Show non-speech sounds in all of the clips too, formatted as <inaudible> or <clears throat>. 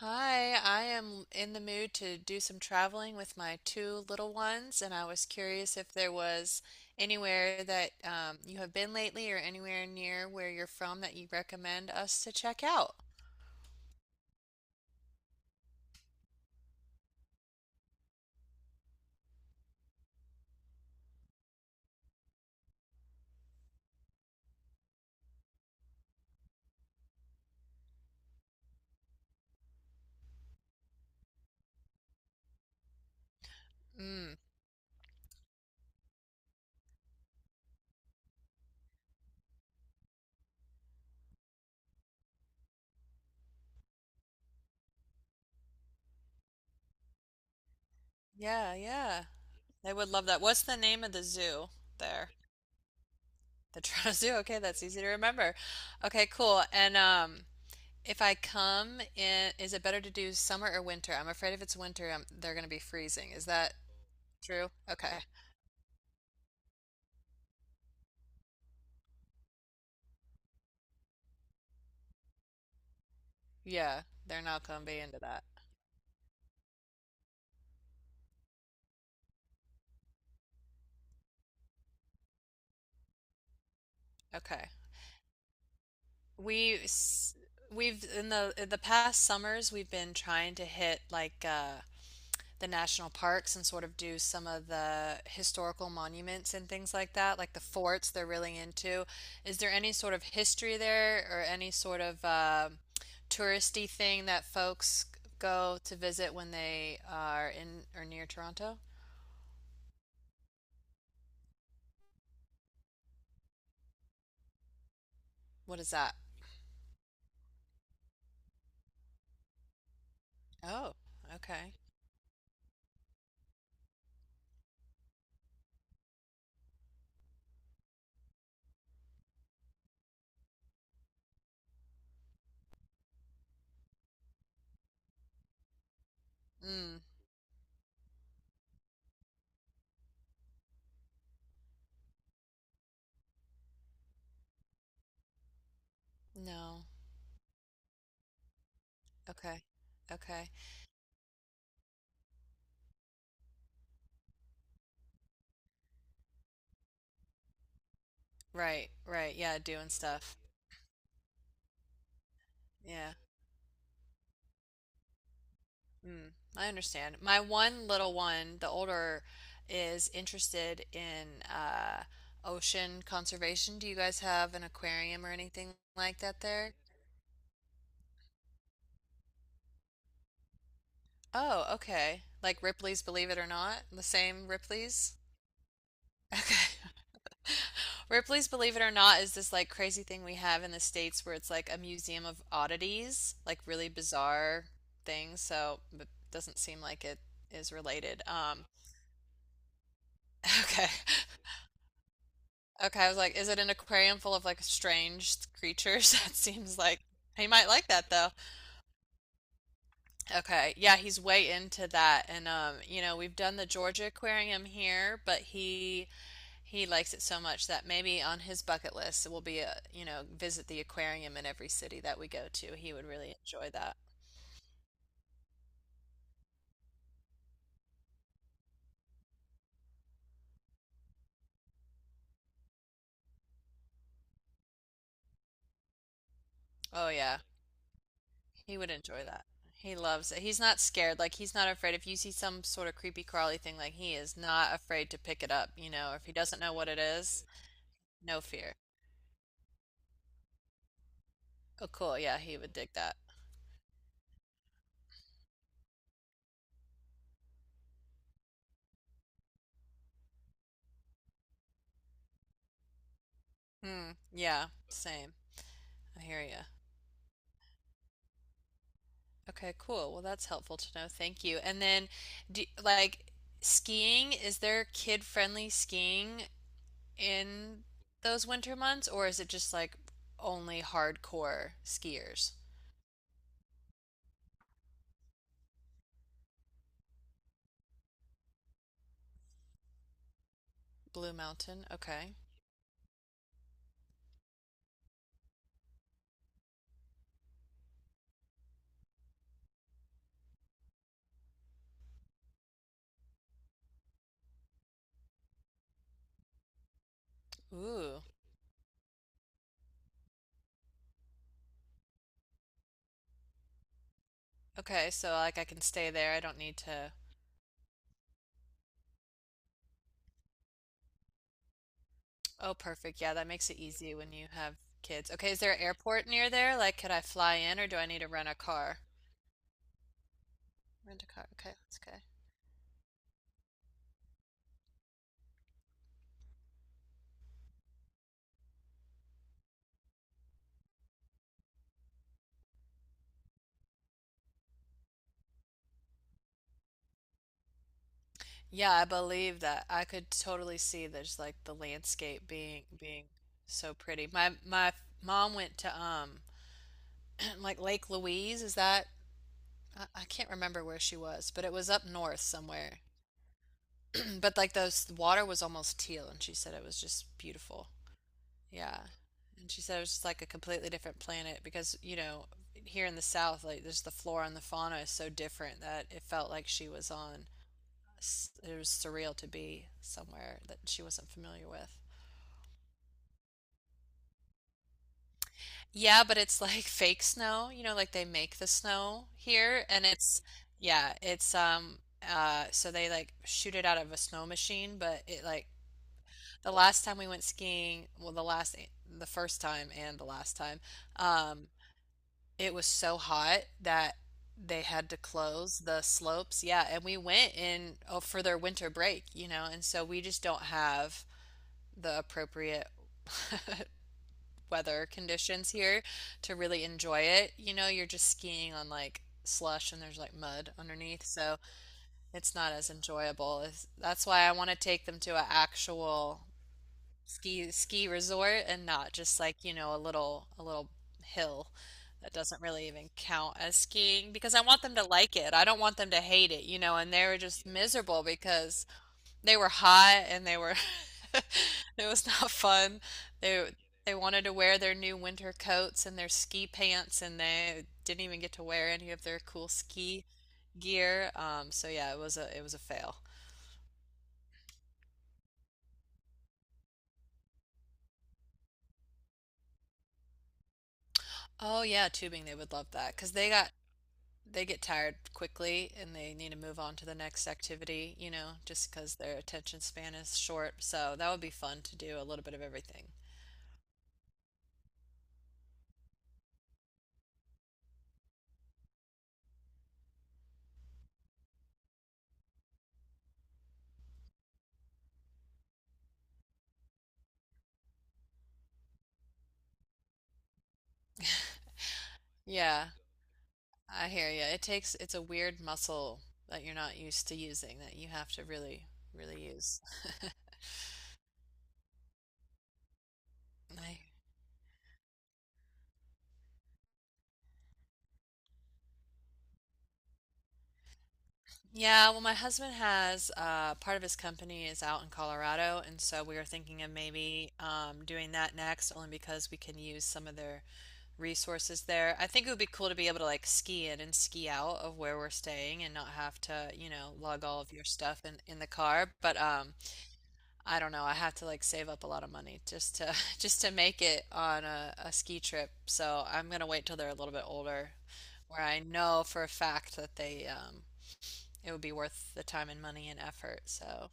Hi, I am in the mood to do some traveling with my two little ones, and I was curious if there was anywhere that you have been lately or anywhere near where you're from that you recommend us to check out. Mm, yeah, yeah. They would love that. What's the name of the zoo there? The Toronto <laughs> Zoo. Okay, that's easy to remember. Okay, cool. And if I come in, is it better to do summer or winter? I'm afraid if it's winter, I they're going to be freezing. Is that true? Okay. Yeah, they're not going to be into that. Okay. We s- we've in the past summers we've been trying to hit like the national parks and sort of do some of the historical monuments and things like that, like the forts they're really into. Is there any sort of history there or any sort of touristy thing that folks go to visit when they are in or near Toronto? What is that? Oh, okay. Mm, no. Okay. Okay. Right, right. Yeah, doing stuff. Yeah. Mm, I understand. My one little one, the older, is interested in ocean conservation. Do you guys have an aquarium or anything like that there? Oh, okay. Like Ripley's Believe It or Not? The same Ripley's? Okay. <laughs> Ripley's Believe It or Not is this like crazy thing we have in the States where it's like a museum of oddities, like really bizarre things. So, but doesn't seem like it is related. Okay. Okay, I was like, is it an aquarium full of like strange creatures? <laughs> That seems like he might like that though. Okay. Yeah, he's way into that and you know, we've done the Georgia Aquarium here, but he likes it so much that maybe on his bucket list will be a, you know, visit the aquarium in every city that we go to. He would really enjoy that. Oh yeah, he would enjoy that. He loves it. He's not scared. Like he's not afraid. If you see some sort of creepy crawly thing, like he is not afraid to pick it up, you know, if he doesn't know what it is. No fear. Oh, cool. Yeah, he would dig that. Hmm. Yeah, same. I hear you. Okay, cool. Well, that's helpful to know. Thank you. And then, do, like, skiing, is there kid-friendly skiing in those winter months, or is it just like only hardcore skiers? Blue Mountain. Okay. Ooh. Okay, so like I can stay there. I don't need to. Oh, perfect. Yeah, that makes it easy when you have kids. Okay, is there an airport near there? Like, could I fly in, or do I need to rent a car? Rent a car. Okay, that's okay. Yeah, I believe that. I could totally see there's like the landscape being so pretty. My mom went to <clears throat> like Lake Louise, is that I can't remember where she was, but it was up north somewhere. <clears throat> But like those the water was almost teal and she said it was just beautiful. Yeah. And she said it was just like a completely different planet because, you know, here in the South, like there's the flora and the fauna is so different that it felt like she was on it was surreal to be somewhere that she wasn't familiar with. Yeah, but it's like <laughs> fake snow, you know, like they make the snow here and it's yeah, it's so they like shoot it out of a snow machine, but it like the last time we went skiing, well the last the first time and the last time, um, it was so hot that they had to close the slopes. Yeah, and we went in oh, for their winter break, you know, and so we just don't have the appropriate <laughs> weather conditions here to really enjoy it. You know, you're just skiing on like slush and there's like mud underneath, so it's not as enjoyable. It's- That's why I want to take them to an actual ski resort and not just like, you know, a little hill that doesn't really even count as skiing because I want them to like it. I don't want them to hate it, you know, and they were just miserable because they were hot and they were <laughs> it was not fun. They they wanted to wear their new winter coats and their ski pants and they didn't even get to wear any of their cool ski gear. So yeah, it was a fail. Oh yeah, tubing they would love that, cause they get tired quickly and they need to move on to the next activity, you know, just cause their attention span is short. So that would be fun to do a little bit of everything. Yeah. I hear you. It takes, it's a weird muscle that you're not used to using that you have to really, really use. <laughs> I, yeah, well, my husband has part of his company is out in Colorado, and so we were thinking of maybe doing that next, only because we can use some of their resources there. I think it would be cool to be able to like ski in and ski out of where we're staying and not have to, you know, lug all of your stuff in the car. But I don't know. I have to like save up a lot of money just to <laughs> just to make it on a ski trip. So I'm gonna wait till they're a little bit older, where I know for a fact that they it would be worth the time and money and effort. So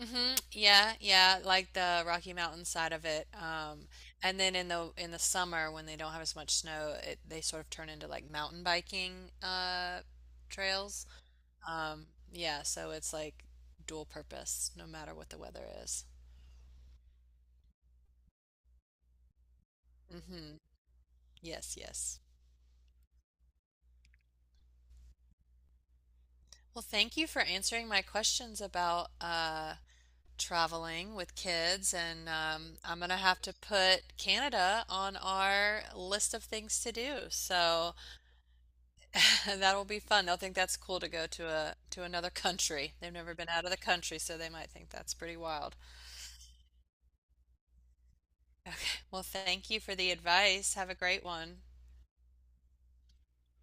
hmm yeah, yeah, like the Rocky Mountain side of it. And then in the summer when they don't have as much snow, it, they sort of turn into like mountain biking trails. Um, yeah, so it's like dual purpose no matter what the weather is. Hmm, yes, yes. Well, thank you for answering my questions about traveling with kids, and I'm gonna have to put Canada on our list of things to do. So <laughs> that'll be fun. They'll think that's cool to go to a to another country. They've never been out of the country, so they might think that's pretty wild. Well, thank you for the advice. Have a great one.